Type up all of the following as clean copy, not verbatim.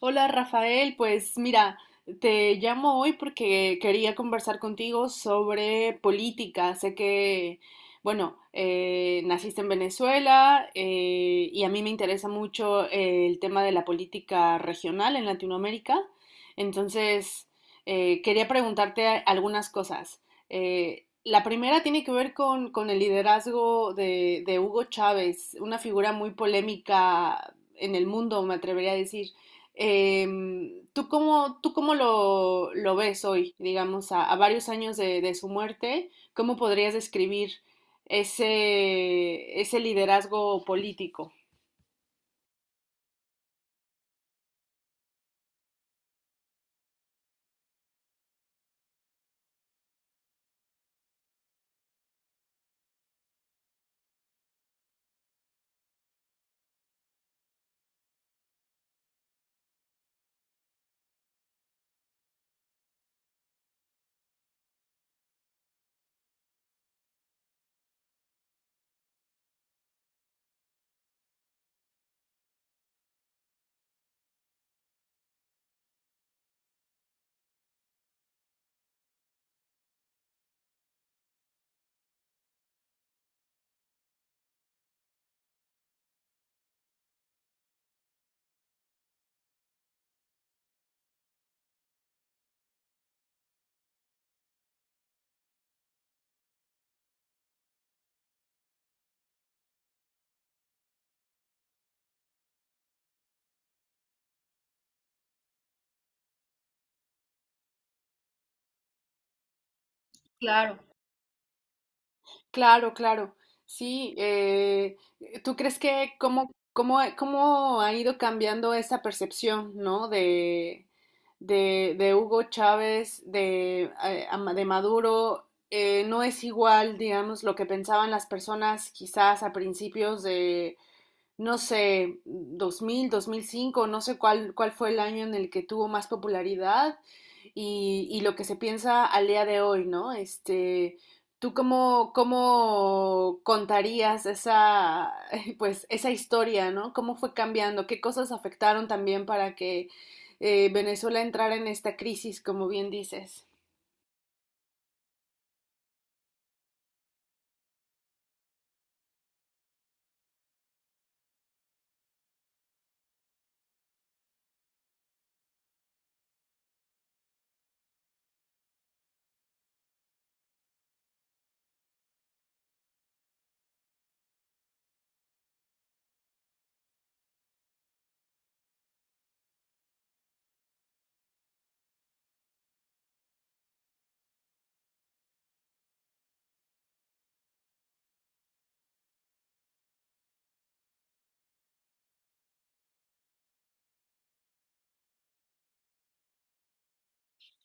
Hola Rafael, pues mira, te llamo hoy porque quería conversar contigo sobre política. Sé que, bueno, naciste en Venezuela, y a mí me interesa mucho el tema de la política regional en Latinoamérica. Entonces, quería preguntarte algunas cosas. La primera tiene que ver con el liderazgo de Hugo Chávez, una figura muy polémica en el mundo, me atrevería a decir. ¿Tú cómo lo ves hoy, digamos, a varios años de su muerte? ¿Cómo podrías describir ese, ese liderazgo político? Claro. Claro, claro. Sí, ¿tú crees que cómo, cómo, cómo ha ido cambiando esa percepción, no? De Hugo Chávez, de, de Maduro, no es igual, digamos, lo que pensaban las personas quizás a principios, no sé, dos mil, 2005, no sé cuál, cuál fue el año en el que tuvo más popularidad y lo que se piensa al día de hoy, ¿no? Este, ¿tú cómo, cómo contarías esa, pues, esa historia, ¿no? ¿Cómo fue cambiando? ¿Qué cosas afectaron también para que Venezuela entrara en esta crisis, como bien dices?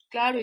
Claro,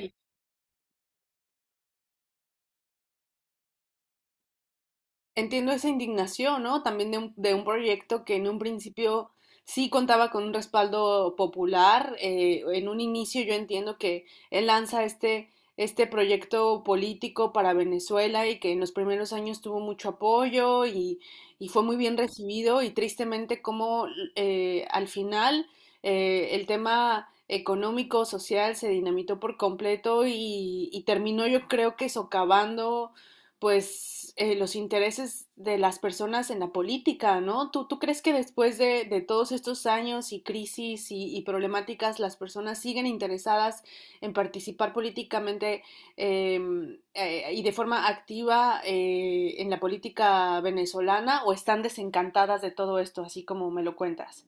entiendo esa indignación, ¿no? También de un proyecto que en un principio sí contaba con un respaldo popular. En un inicio yo entiendo que él lanza este, este proyecto político para Venezuela y que en los primeros años tuvo mucho apoyo y fue muy bien recibido y tristemente como, al final, el tema económico, social se dinamitó por completo y terminó yo creo que socavando, pues, los intereses de las personas en la política, ¿no? ¿Tú, tú crees que después de todos estos años y crisis y problemáticas, las personas siguen interesadas en participar políticamente, eh, y de forma activa en la política venezolana, o están desencantadas de todo esto, así como me lo cuentas?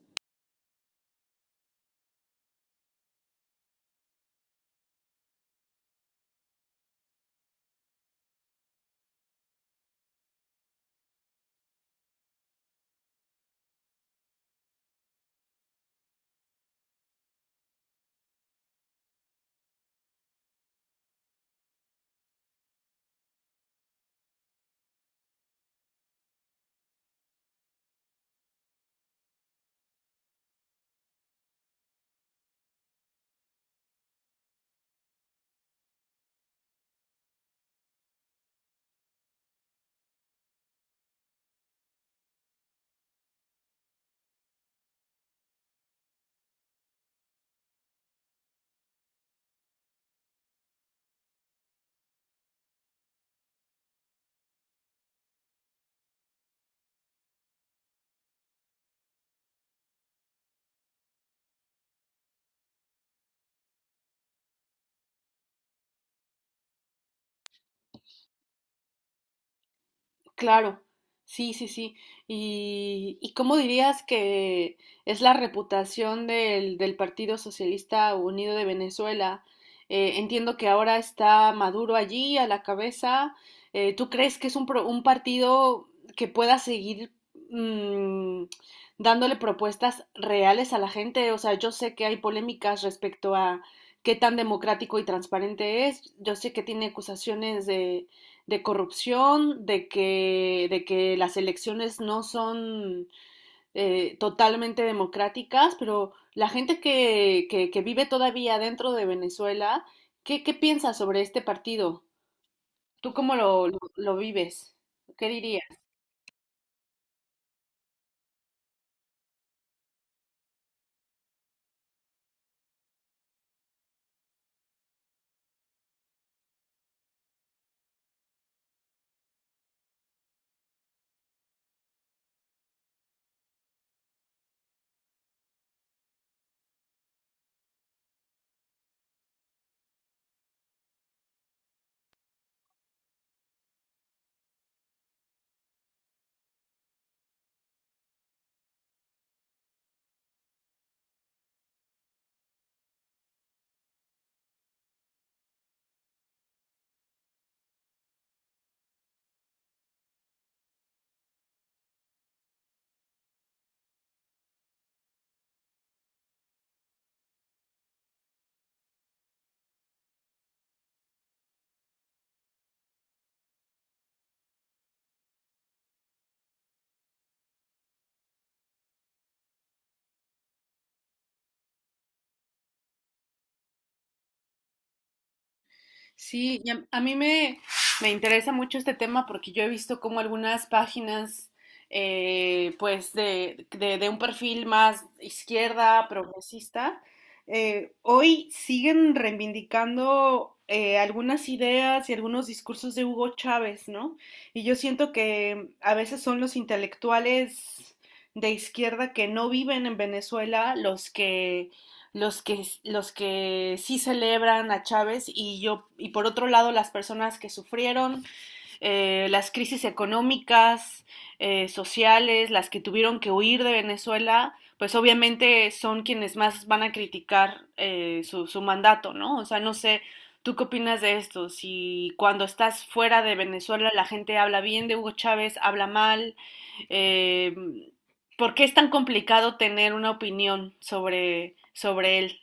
Claro, sí, sí, sí. Y cómo dirías que es la reputación del, del Partido Socialista Unido de Venezuela? Entiendo que ahora está Maduro allí a la cabeza. ¿Tú crees que es un, un partido que pueda seguir, mm, dándole propuestas reales a la gente? O sea, yo sé que hay polémicas respecto a qué tan democrático y transparente es. Yo sé que tiene acusaciones de corrupción, de que las elecciones no son totalmente democráticas, pero la gente que vive todavía dentro de Venezuela, ¿qué, qué piensas sobre este partido? ¿Tú cómo lo vives? ¿Qué dirías? Sí, y a mí me, me interesa mucho este tema porque yo he visto como algunas páginas, pues, de un perfil más izquierda, progresista, hoy siguen reivindicando algunas ideas y algunos discursos de Hugo Chávez, ¿no? Y yo siento que a veces son los intelectuales de izquierda que no viven en Venezuela los que los que sí celebran a Chávez, y yo, y por otro lado las personas que sufrieron, las crisis económicas, sociales, las que tuvieron que huir de Venezuela, pues obviamente son quienes más van a criticar su, su mandato, ¿no? O sea, no sé, ¿tú qué opinas de esto? Si cuando estás fuera de Venezuela la gente habla bien de Hugo Chávez, habla mal, eh, ¿por qué es tan complicado tener una opinión sobre, sobre él?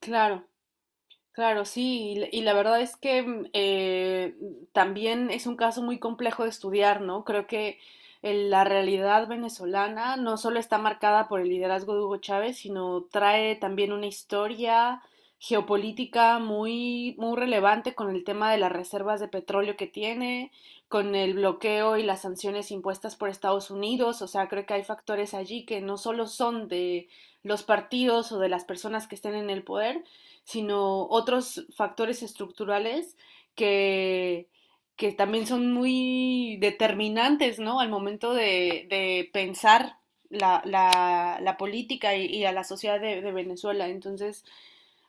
Claro. Claro, sí, y la verdad es que, mm, también es un caso muy complejo de estudiar, ¿no? Creo que la realidad venezolana no solo está marcada por el liderazgo de Hugo Chávez, sino trae también una historia geopolítica muy, muy relevante con el tema de las reservas de petróleo que tiene, con el bloqueo y las sanciones impuestas por Estados Unidos. O sea, creo que hay factores allí que no solo son de los partidos o de las personas que estén en el poder, sino otros factores estructurales que, que también son muy determinantes, ¿no? Al momento de pensar la, la, la política y, a la sociedad de, Venezuela. Entonces,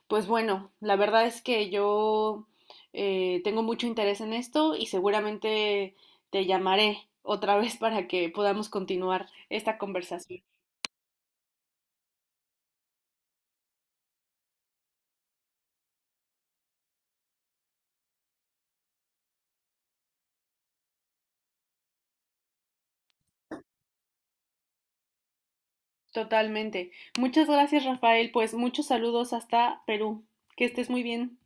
pues bueno, la verdad es que yo, tengo mucho interés en esto y seguramente te llamaré otra vez para que podamos continuar esta conversación. Totalmente. Muchas gracias, Rafael. Pues muchos saludos hasta Perú. Que estés muy bien.